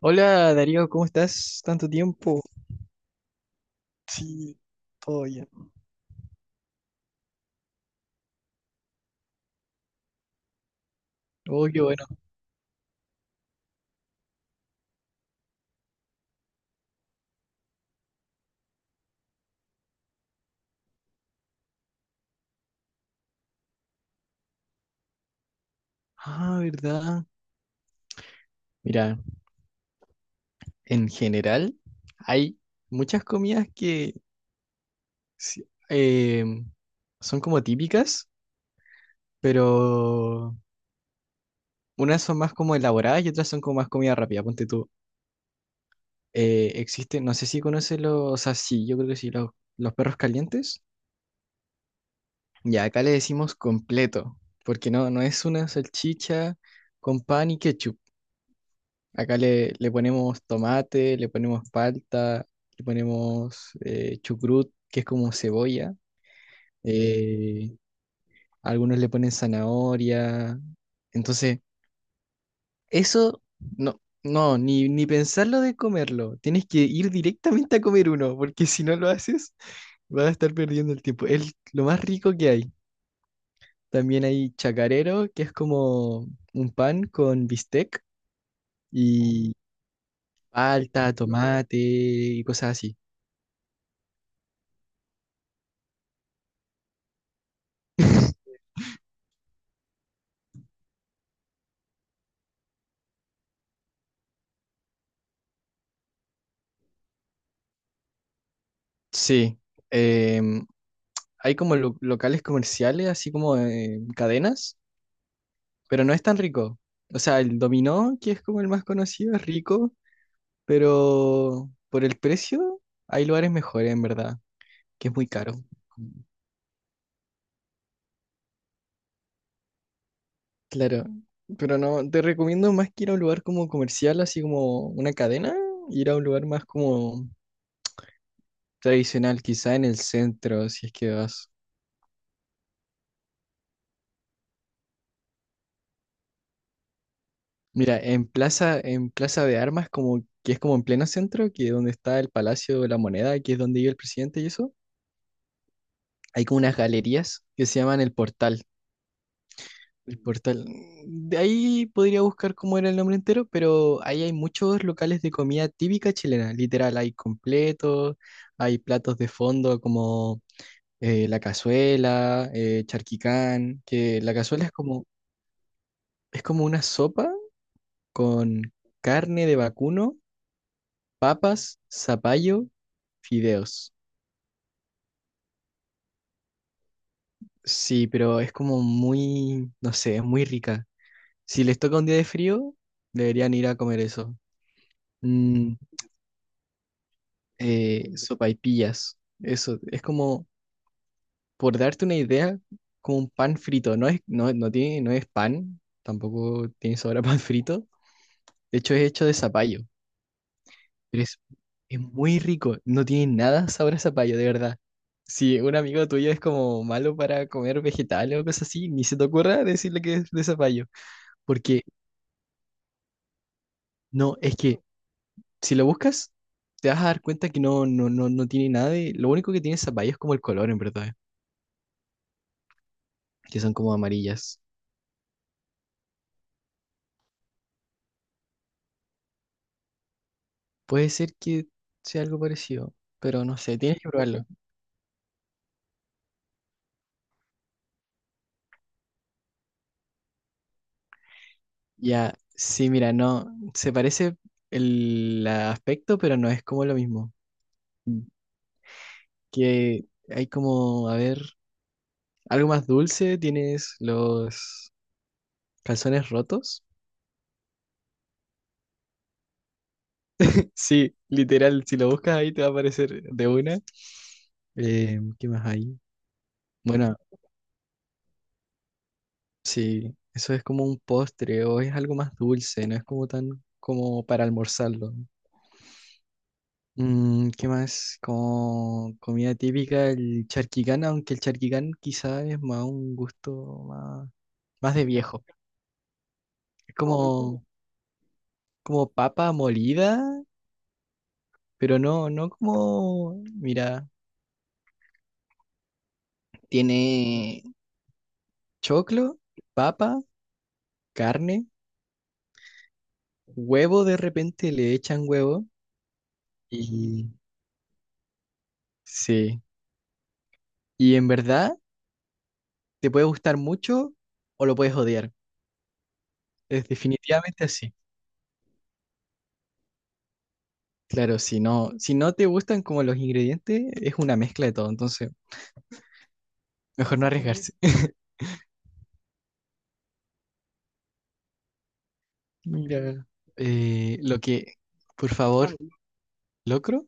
Hola Darío, ¿cómo estás? Tanto tiempo. Sí, todo bien. Oh, qué bueno. Ah, ¿verdad? Mira, en general hay muchas comidas que sí, son como típicas, pero unas son más como elaboradas y otras son como más comida rápida. Ponte tú. Existe, no sé si conoces o sea, sí, yo creo que sí, los perros calientes. Ya, acá le decimos completo, porque no es una salchicha con pan y ketchup. Acá le ponemos tomate, le ponemos palta, le ponemos chucrut, que es como cebolla. Eh, algunos le ponen zanahoria. Entonces, eso no, no, ni pensarlo de comerlo. Tienes que ir directamente a comer uno, porque si no lo haces, vas a estar perdiendo el tiempo. Es lo más rico que hay. También hay chacarero, que es como un pan con bistec y palta, tomate y cosas así. Sí, em, hay como locales comerciales, así como cadenas, pero no es tan rico. O sea, el dominó, que es como el más conocido, es rico, pero por el precio hay lugares mejores, en verdad, que es muy caro. Claro, pero no, te recomiendo más que ir a un lugar como comercial, así como una cadena, ir a un lugar más como tradicional, quizá en el centro, si es que vas. Mira, en Plaza de Armas, como que es como en pleno centro, que es donde está el Palacio de la Moneda, que es donde vive el presidente y eso, hay como unas galerías que se llaman el Portal. El Portal. De ahí podría buscar cómo era el nombre entero, pero ahí hay muchos locales de comida típica chilena, literal, hay completos, hay platos de fondo como la cazuela, charquicán, que la cazuela es como una sopa con carne de vacuno, papas, zapallo, fideos. Sí, pero es como muy, no sé, es muy rica. Si les toca un día de frío, deberían ir a comer eso. Mm, Sopaipillas. Eso, es como, por darte una idea, como un pan frito. No es, no tiene, no es pan, tampoco tiene sabor a pan frito. De hecho, es hecho de zapallo. Pero es muy rico, no tiene nada sabor a zapallo, de verdad. Si un amigo tuyo es como malo para comer vegetales o cosas así, ni se te ocurra decirle que es de zapallo. Porque no, es que si lo buscas, te vas a dar cuenta que no, no, no, no tiene nada de. Lo único que tiene zapallo es como el color, en verdad, que son como amarillas. Puede ser que sea algo parecido, pero no sé, tienes que probarlo. Ya, sí, mira, no, se parece el aspecto, pero no es como lo mismo. Que hay como, a ver, algo más dulce, tienes los calzones rotos. Sí, literal, si lo buscas ahí te va a aparecer de una. ¿Qué más hay? Bueno, sí, eso es como un postre o es algo más dulce, no es como tan como para almorzarlo. Mm, ¿qué más? Como comida típica, el charquicán, aunque el charquicán quizá es más un gusto más, más de viejo. Es como, como papa molida. Pero no, no como, mira, tiene choclo, papa, carne, huevo, de repente le echan huevo y sí. Y en verdad te puede gustar mucho o lo puedes odiar. Es definitivamente así. Claro, si no, si no te gustan como los ingredientes, es una mezcla de todo, entonces mejor no arriesgarse. Mira, eh, lo que, por favor, locro,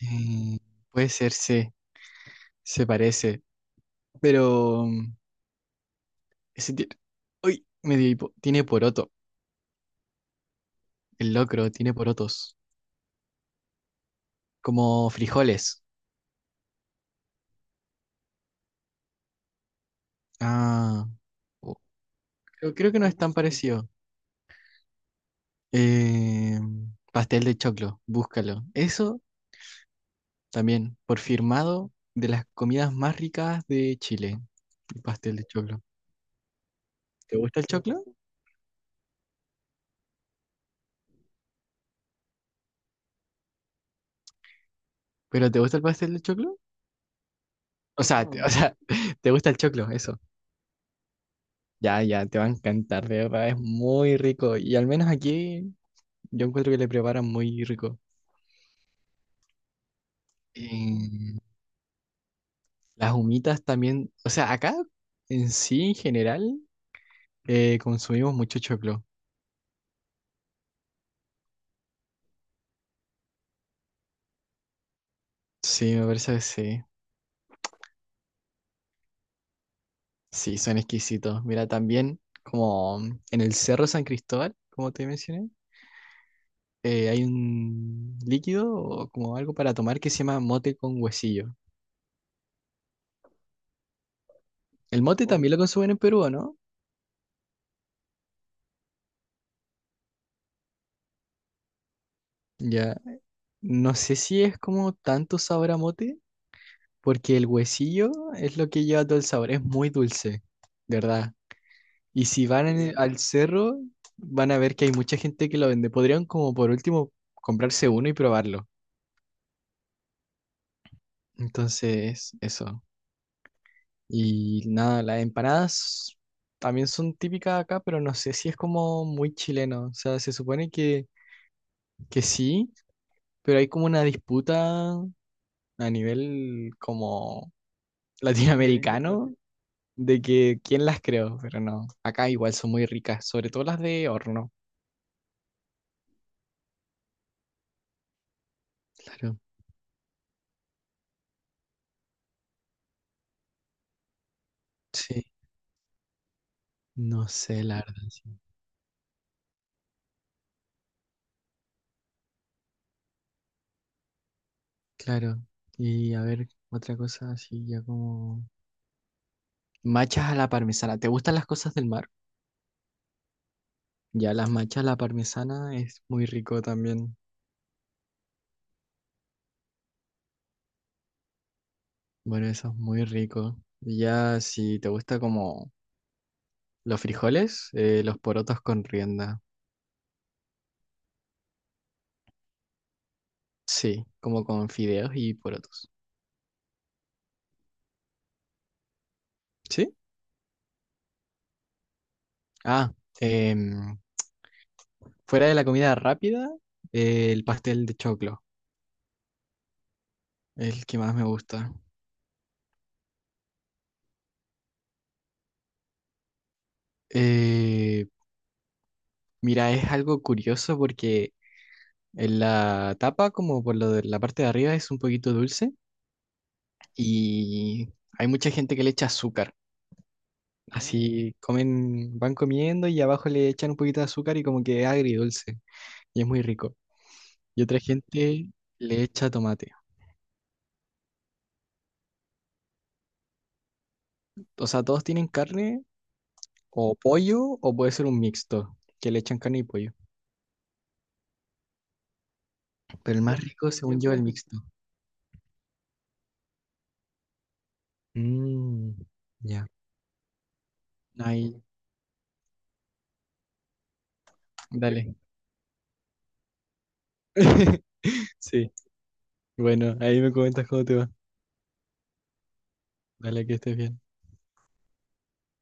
eh, puede ser, se parece, pero ese tiene. Uy, me dio hipo. Tiene poroto. El locro tiene porotos. Como frijoles. Ah. uh, creo que no es tan parecido. Eh, Pastel de choclo. Búscalo. Eso también. Por firmado de las comidas más ricas de Chile. El pastel de choclo. ¿Te gusta el choclo? ¿Pero te gusta el pastel de choclo? O sea, o no, sea, ¿te gusta el choclo? Eso. Ya, ya, te va a encantar, de verdad. Es muy rico. Y al menos aquí yo encuentro que le preparan muy rico. Eh, las humitas también, o sea, acá en sí, en general, consumimos mucho choclo. Sí, me parece que sí. Sí, son exquisitos. Mira, también como en el Cerro San Cristóbal, como te mencioné, hay un líquido o como algo para tomar que se llama mote con huesillo. El mote oh, también lo consumen en Perú, ¿o ¿no? Ya, no sé si es como tanto sabor a mote, porque el huesillo es lo que lleva todo el sabor, es muy dulce, de verdad. Y si van al cerro, van a ver que hay mucha gente que lo vende. Podrían como por último comprarse uno y probarlo. Entonces, eso. Y nada, las empanadas también son típicas acá, pero no sé si es como muy chileno. O sea, se supone que sí, pero hay como una disputa a nivel como latinoamericano de que quién las creó, pero no. Acá igual son muy ricas, sobre todo las de horno. Claro. Sí, no sé, la verdad. Claro. Y a ver, otra cosa así, ya como... Machas a la parmesana. ¿Te gustan las cosas del mar? Ya, las machas a la parmesana es muy rico también. Bueno, eso es muy rico. Y ya, si te gusta como los frijoles, los porotos con rienda. Sí, como con fideos y porotos. ¿Sí? Ah, em, fuera de la comida rápida, el pastel de choclo, el que más me gusta. Eh, Mira, es algo curioso porque... En la tapa, como por lo de la parte de arriba, es un poquito dulce y hay mucha gente que le echa azúcar. Así comen, van comiendo y abajo le echan un poquito de azúcar y como que es agridulce y es muy rico. Y otra gente le echa tomate. O sea, todos tienen carne o pollo o puede ser un mixto, que le echan carne y pollo. Pero el más rico, según yo, es el bueno. Mixto. Mm, ya. Ahí, dale. Sí, bueno, ahí me comentas cómo te va. Dale, que estés bien.